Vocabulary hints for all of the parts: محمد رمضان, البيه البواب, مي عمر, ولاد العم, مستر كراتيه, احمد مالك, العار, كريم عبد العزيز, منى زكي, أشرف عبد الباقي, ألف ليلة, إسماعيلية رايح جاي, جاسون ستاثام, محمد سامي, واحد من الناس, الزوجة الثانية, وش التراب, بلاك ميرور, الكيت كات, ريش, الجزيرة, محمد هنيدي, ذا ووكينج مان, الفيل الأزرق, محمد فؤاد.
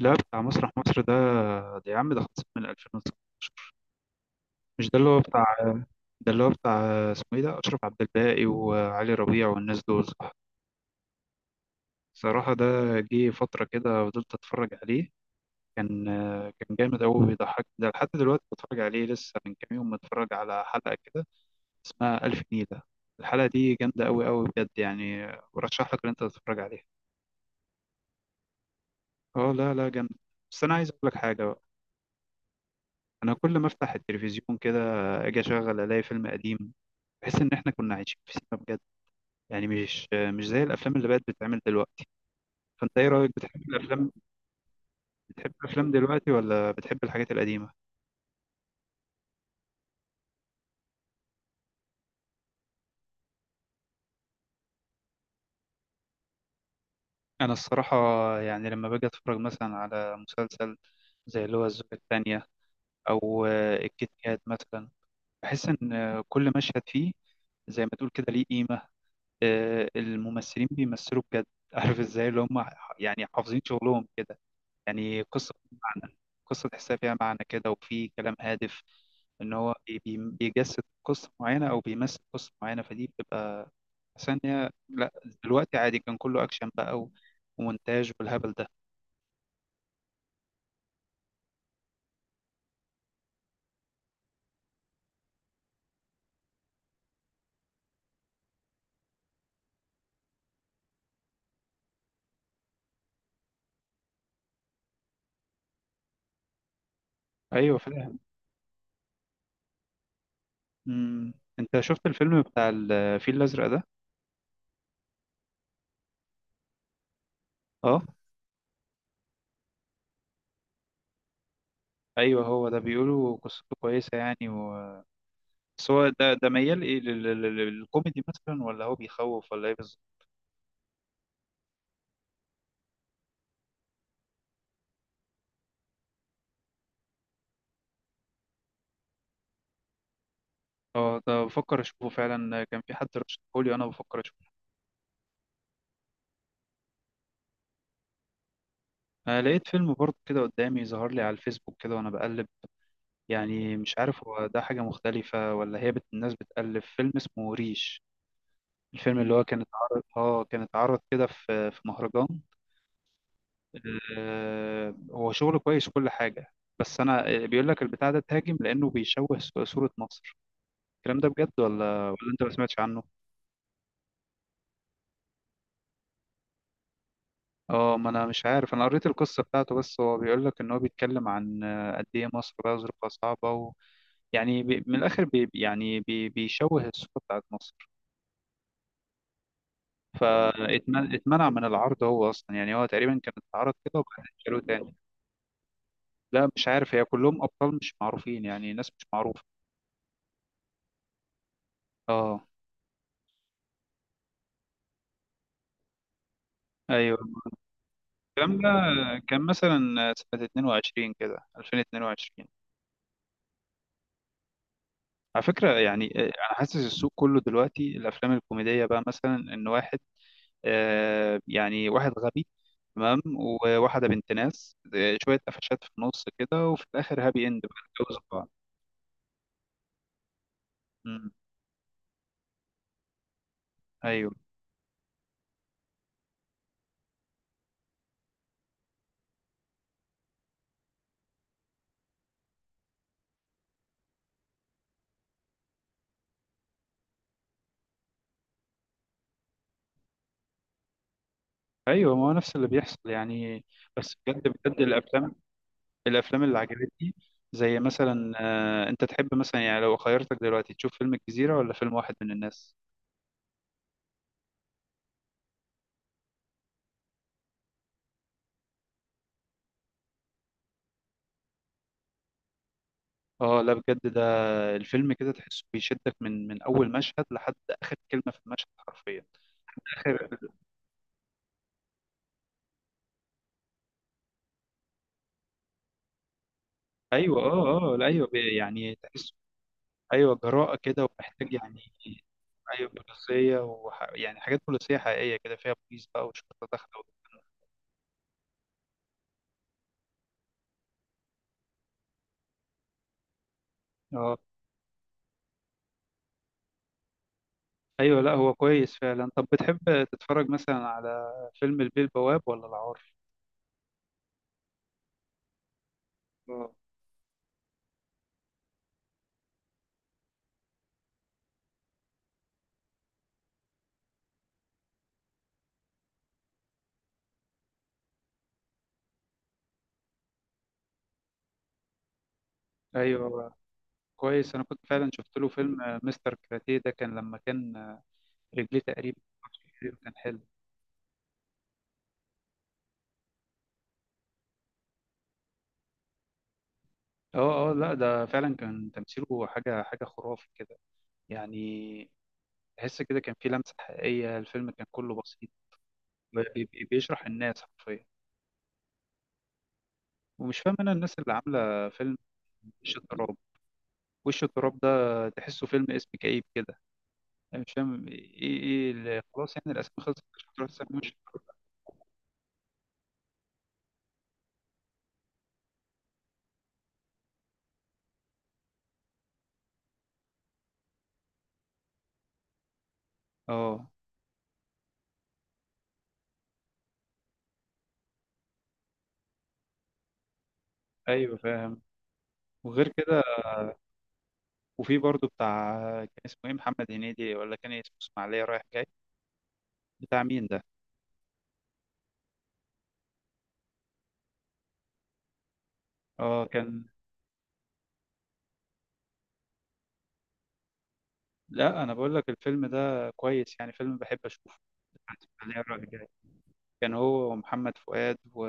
لا، بتاع مسرح مصر ده. ده يا عم ده خلصت من 2006. مش ده اللي هو بتاع. ده اللي هو بتاع اسمه ايه؟ ده أشرف عبد الباقي وعلي ربيع والناس دول، صح؟ صراحة ده جه فترة كده فضلت أتفرج عليه. كان كان جامد أوي، بيضحك. ده لحد دلوقتي بتفرج عليه لسه، من كام يوم متفرج على حلقة كده اسمها ألف نيلة. الحلقة دي جامدة أوي أوي بجد، يعني ورشح لك إن أنت تتفرج عليها. اه لا لا، جامد. بس أنا عايز أقول لك حاجة بقى. أنا كل ما أفتح التلفزيون كده أجي أشغل ألاقي فيلم قديم. بحس ان احنا كنا عايشين في سينما بجد، يعني مش زي الافلام اللي بقت بتتعمل دلوقتي. فانت ايه رايك، بتحب الافلام؟ بتحب الافلام دلوقتي ولا بتحب الحاجات القديمه؟ انا الصراحه يعني لما باجي اتفرج مثلا على مسلسل زي اللي هو الزوجة الثانية أو الكيت كات مثلا، بحس إن كل مشهد فيه زي ما تقول كده ليه قيمة. الممثلين بيمثلوا بجد عارف إزاي اللي هم يعني حافظين شغلهم كده، يعني قصة فيها معنى، قصة تحسها فيها معنى كده وفي كلام هادف، إن هو بيجسد قصة معينة أو بيمثل قصة معينة. فدي بتبقى، حاسس إن هي لأ. دلوقتي عادي، كان كله أكشن بقى ومونتاج والهبل ده. أيوه فاهم. أنت شفت الفيلم بتاع الفيل الأزرق ده؟ أه. أيوه هو ده، بيقولوا قصته كويسة يعني بس هو ده ميال إيه للكوميدي مثلا، ولا هو بيخوف، ولا إيه بالظبط؟ أه ده بفكر أشوفه فعلا، كان في حد رشحهولي، أنا بفكر. أنا لقيت فيلم برضه كده قدامي، ظهر لي على الفيسبوك كده وأنا بقلب. يعني مش عارف هو ده حاجة مختلفة ولا هي الناس بتألف. فيلم اسمه ريش، الفيلم اللي هو كان اتعرض، اه كان اتعرض كده في مهرجان. هو شغله كويس كل حاجة. بس أنا بيقول لك البتاع ده تهاجم لأنه بيشوه صورة مصر. الكلام ده بجد، ولا أنت ما سمعتش عنه؟ اه، ما أنا مش عارف، أنا قريت القصة بتاعته. بس هو بيقول لك إن هو بيتكلم عن قد إيه مصر بقى ظروفها صعبة، يعني بي من الآخر بي يعني بي بيشوه الصورة بتاعت مصر. فاتمنع من العرض هو أصلا، يعني هو تقريبا كان اتعرض كده وبعدين شالوه تاني. لا مش عارف، هي كلهم أبطال مش معروفين، يعني ناس مش معروفة. اه. ايوه. الكلام ده كان مثلا سنة 22 كده، 2022. على فكرة يعني، أنا حاسس السوق كله دلوقتي الأفلام الكوميدية بقى مثلا إن واحد يعني واحد غبي، تمام، وواحدة بنت ناس، شوية قفشات في النص كده، وفي الآخر هابي إند بقى اتجوزوا بعض. مم. أيوه. أيوه، ما هو نفس اللي بيحصل يعني. بس بجد بجد الأفلام، الأفلام اللي عجبتني زي مثلا، أنت تحب مثلا يعني لو خيرتك دلوقتي تشوف فيلم الجزيرة ولا فيلم واحد من الناس؟ اه لا بجد، ده الفيلم كده تحسه بيشدك من اول مشهد لحد اخر كلمه في المشهد حرفيا. اخر. ايوه. اه اه لا، ايوه، يعني تحس. ايوه جراءة كده ومحتاج يعني. ايوه بوليسية يعني حاجات بوليسية حقيقية كده، فيها بوليس بقى وشرطة داخلة اه. ايوه لا هو كويس فعلا. طب بتحب تتفرج مثلا على فيلم البيه البواب ولا العار؟ اه. ايوه كويس. انا كنت فعلا شفت له فيلم مستر كراتيه ده، كان لما كان رجليه تقريبا كتير، كان حلو. اه اه لا، ده فعلا كان تمثيله حاجة حاجة خرافي كده، يعني تحس كده كان في لمسة حقيقية، الفيلم كان كله بسيط بيشرح الناس حرفيا. ومش فاهم انا الناس اللي عامله فيلم وش التراب. وش التراب ده تحسه فيلم اسم كئيب كده، انا مش فاهم ايه اللي خلاص يعني، الاسم خلصت مش هتروح تسمي وش التراب. اه ايوه فاهم. وغير كده، وفي برضه بتاع كان اسمه ايه، محمد هنيدي، ولا كان اسمه اسماعيليه رايح جاي، بتاع مين ده؟ اه كان. لا انا بقول لك الفيلم ده كويس يعني، فيلم بحب اشوفه، بتاع اسماعيليه رايح جاي، كان هو ومحمد فؤاد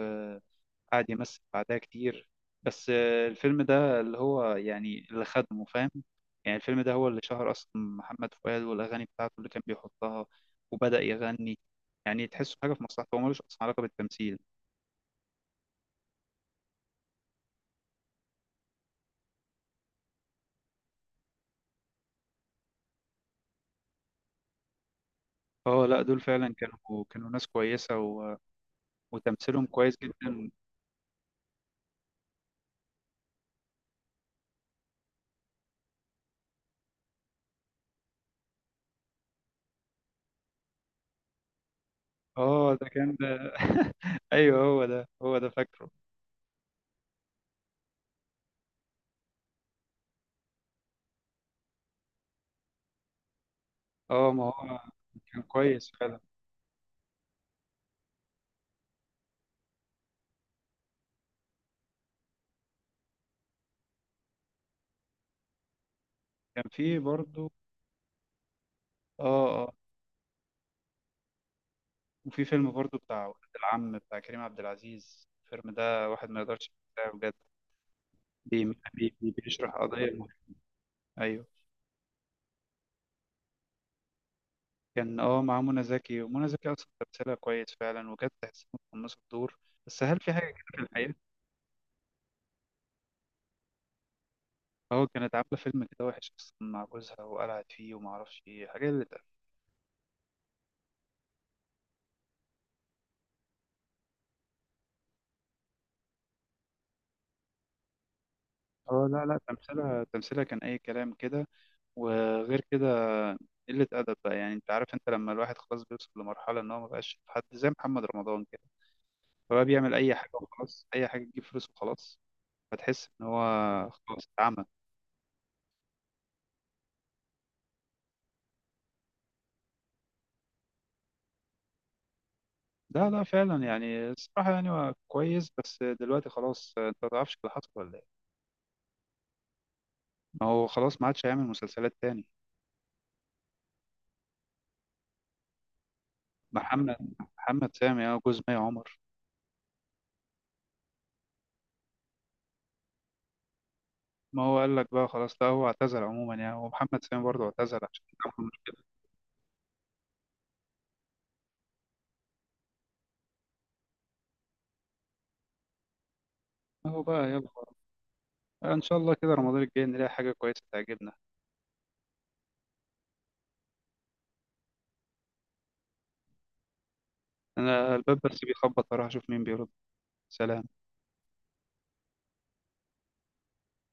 قعد يمثل بعدها كتير. بس الفيلم ده اللي هو يعني اللي خدمه فاهم، يعني الفيلم ده هو اللي شهر أصلا محمد فؤاد، والأغاني بتاعته اللي كان بيحطها وبدأ يغني، يعني تحسه حاجة في مصلحته، هو ملوش أصلا علاقة بالتمثيل. اه لا دول فعلا كانوا، كانوا ناس كويسة وتمثيلهم كويس جدا. اه ده كان ده ايوه هو ده، هو ده فاكره. اه، ما هو كان كويس فعلا. كان في برضه اه. آه، وفي فيلم برضو بتاع ولاد العم بتاع كريم عبد العزيز، الفيلم ده واحد ما يقدرش ينساه بجد. بي- بيشرح قضية مهمة. أيوه. كان اه مع منى زكي، ومنى زكي أصلا تمثيلها كويس فعلا، وكانت تحس إنها متقمصة الدور. بس هل في حاجة كده في الحقيقة؟ اه كانت عاملة فيلم كده وحش أصلا مع جوزها وقلعت فيه، وما أعرفش إيه حاجة اللي اتقال. اه لا لا تمثيلها كان أي كلام كده. وغير كده قلة أدب بقى، يعني أنت عارف، أنت لما الواحد خلاص بيوصل لمرحلة إن هو مبقاش حد زي محمد رمضان كده، فبقى بيعمل اي حاجه وخلاص، اي حاجه تجيب فلوس وخلاص. فتحس ان هو خلاص اتعمى. لا لا فعلا يعني الصراحه، يعني هو كويس بس دلوقتي خلاص، انت ما تعرفش اللي حصل ولا ايه؟ ما هو خلاص ما عادش هيعمل مسلسلات تاني. محمد محمد سامي، اه، جوز مي عمر. ما هو قال لك بقى خلاص، لا هو اعتزل عموما يعني، ومحمد سامي برضه اعتزل عشان كان مشكله. اهو بقى يلا. ان شاء الله كده رمضان الجاي نلاقي حاجه كويسه تعجبنا. انا الباب بس بيخبط، اروح اشوف مين بيرد. سلام.